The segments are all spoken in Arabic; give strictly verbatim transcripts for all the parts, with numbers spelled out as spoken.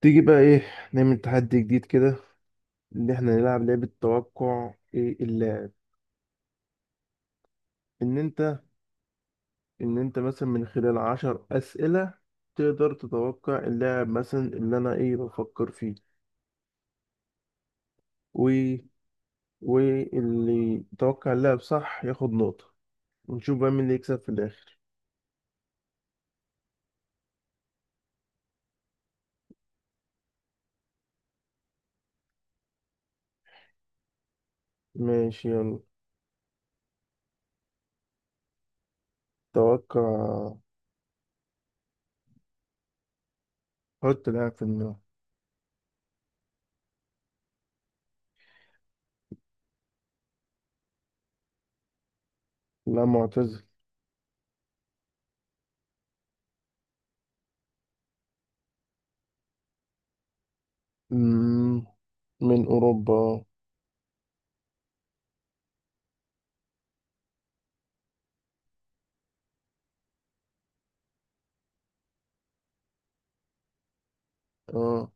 تيجي بقى ايه، نعمل تحدي جديد كده. ان احنا نلعب لعبة توقع ايه اللاعب. ان انت ان انت مثلا من خلال عشر اسئلة تقدر تتوقع اللاعب مثلا اللي انا ايه بفكر فيه. و واللي يتوقع اللاعب صح ياخد نقطة ونشوف بقى مين اللي يكسب في الاخر. ماشي، يلا، توقع. حط لاعب في دماغك. لا، معتزل. مم، من اوروبا. اه.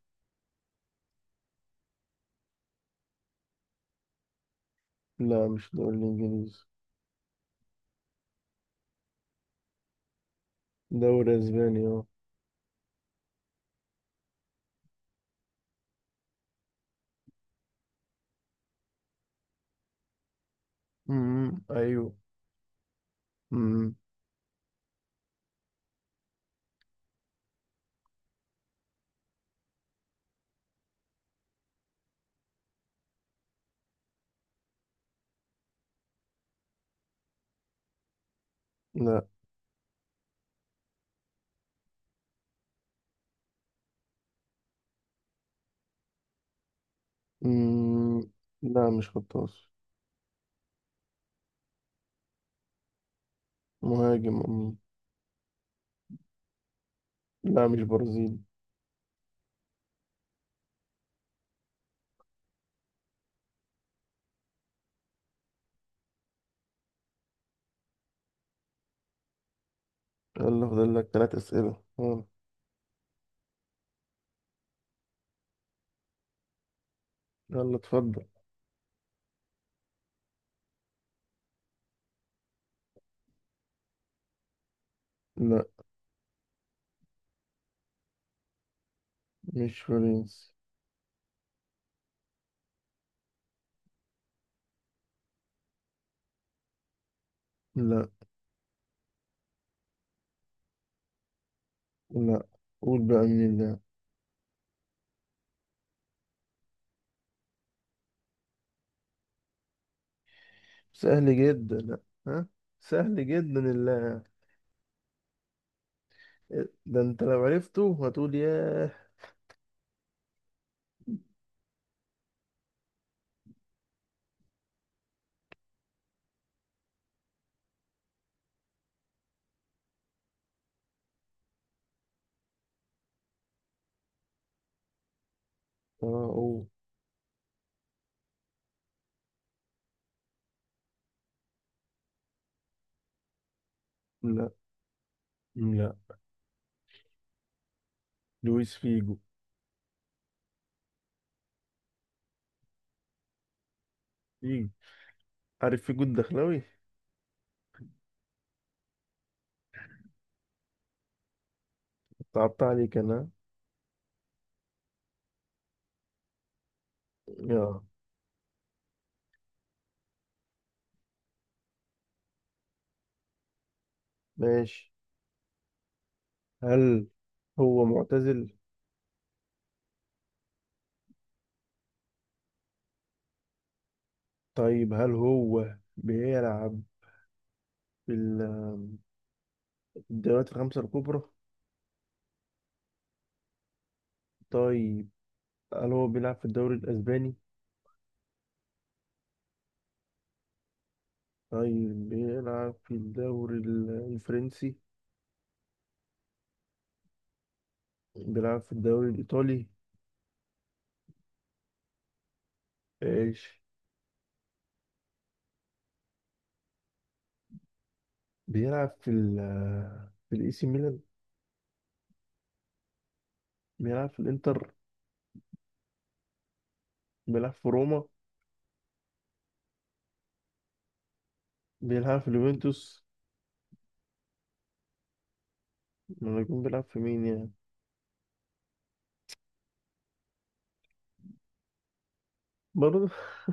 لا، مش دوري الانجليزي. دوري اسبانيا. امم ايوه. امم لا. امم لا، مش خطاف. مهاجم امم لا، مش برازيلي. يلا، فاضل لك ثلاث اسئله، اه. يلا اتفضل. لا، مش فرنسي. لا. لا، قول بقى مين اللاعب. سهل جدا، لا. ها، سهل جدا اللاعب. ده انت لو عرفته هتقول ياه. اه. أوه. لا. لا، لويس فيجو. فيجو. عارف فيجو الدخلاوي. صعبت عليك انا. يا، ماشي. هل هو معتزل؟ طيب، هل هو بيلعب في ال- في الدوريات الخمسة الكبرى؟ طيب، هل هو بيلعب في الدوري الأسباني؟ طيب، بيلعب في الدوري ال- الفرنسي؟ بيلعب في الدوري الإيطالي؟ إيش، بيلعب في ال في الإي سي ميلان؟ بيلعب في الإنتر؟ بيلعب في روما؟ بيلعب في اليوفنتوس؟ ما يكون بيلعب في مين يعني؟ برضه.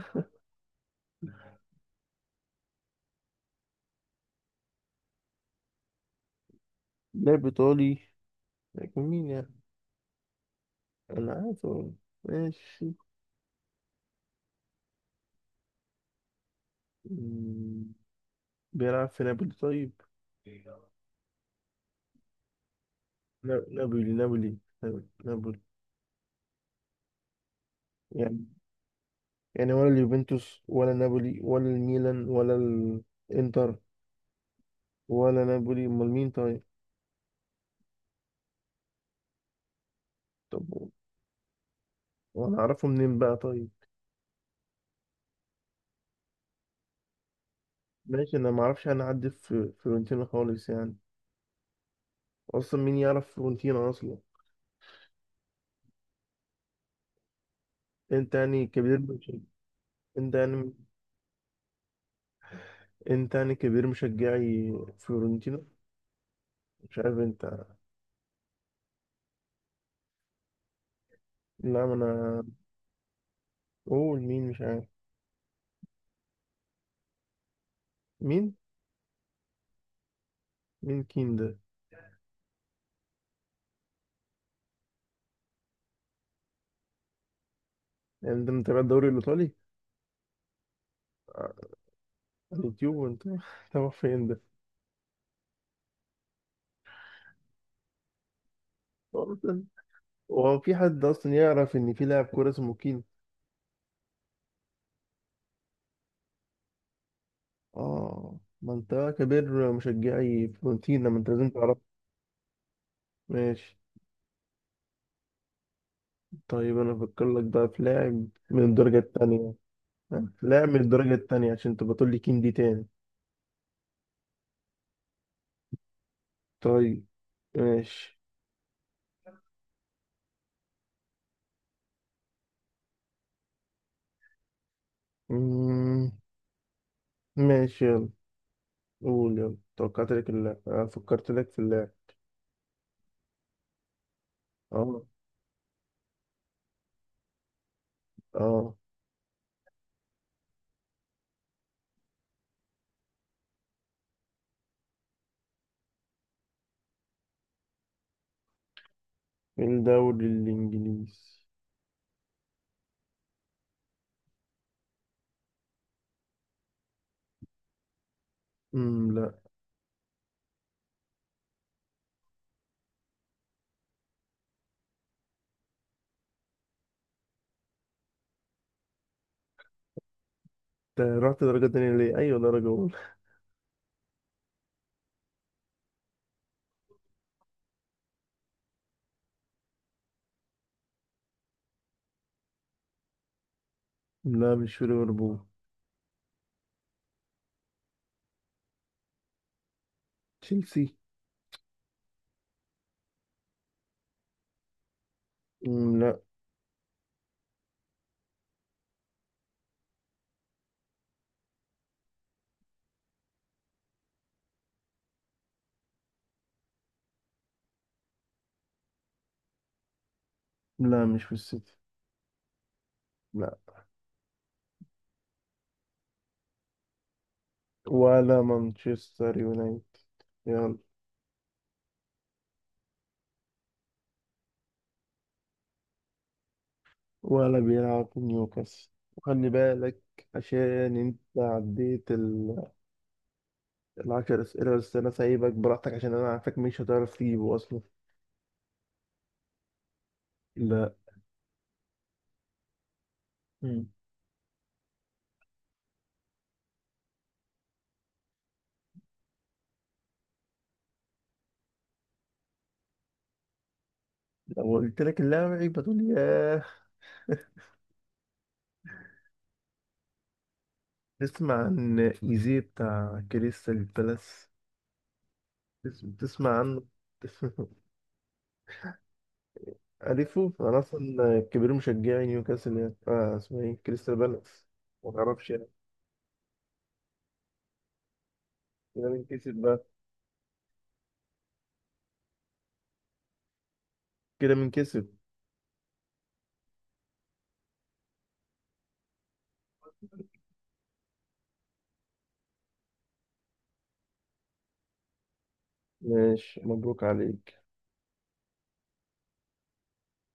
لاعب إيطالي، يكون مين يعني؟ أنا عارف هو. ماشي، بيلعب في نابولي طيب. نا- نابولي نابولي نابولي نابولي. يعني، يعني ولا اليوفنتوس ولا نابولي ولا الميلان ولا الانتر ولا نابولي، امال مين طيب؟ طب، وانا اعرفه منين بقى طيب؟ ماشي، انا ما اعرفش، انا اعدي في فيورنتينا خالص يعني. اصلا مين يعرف فيورنتينا اصلا؟ انت يعني كبير مش... انت يعني، انت يعني كبير مشجعي فيورنتينا. مش عارف انت. لا، ما انا. قول مين، مش عارف. مين مين كين ده؟ يعني ده متابع الدوري الإيطالي على اليوتيوب، وأنت تابع فين ده؟ أصلا، هو في حد أصلا يعرف إن في لاعب كورة اسمه كين؟ آه، ما أنت كبير مشجعي فلورنتينا، ما أنت لازم تعرف. ماشي. طيب، أنا أفكر لك بقى في لاعب من الدرجة التانية. في لاعب من الدرجة التانية عشان تبقى تقول لي كين دي تاني. طيب. ماشي. مم. ماشي يلا. قول يلا، توقعت لك اللاعب، آه، فكرت لك في اللاعب. آه. آه. الدوري الإنجليزي. امم لا. انت رحت درجة تانية ليه؟ أيوة درجة أولى. لا، مش في ليفربول. تشيلسي. امم لا. لا، مش في السيتي. لا، ولا مانشستر يونايتد، يلا. ولا بيلعب في نيوكاسل. وخلي بالك، عشان انت عديت ال... العشر اسئله، بس انا سايبك براحتك عشان انا عارفك مش هتعرف تجيبه اصلا. لا. مم. لو قلت لك اللاعب، هتقول ياه. تسمع عن ايزي بتاع كريستال بالاس. تس- تسمع عنه. عارفه انا اصلا كبير مشجعي نيوكاسل يعني، آه اسمه ايه، كريستال بالاس. ما تعرفش يعني. كده مين كسب بقى؟ كده مين كسب؟ ماشي، مبروك عليك.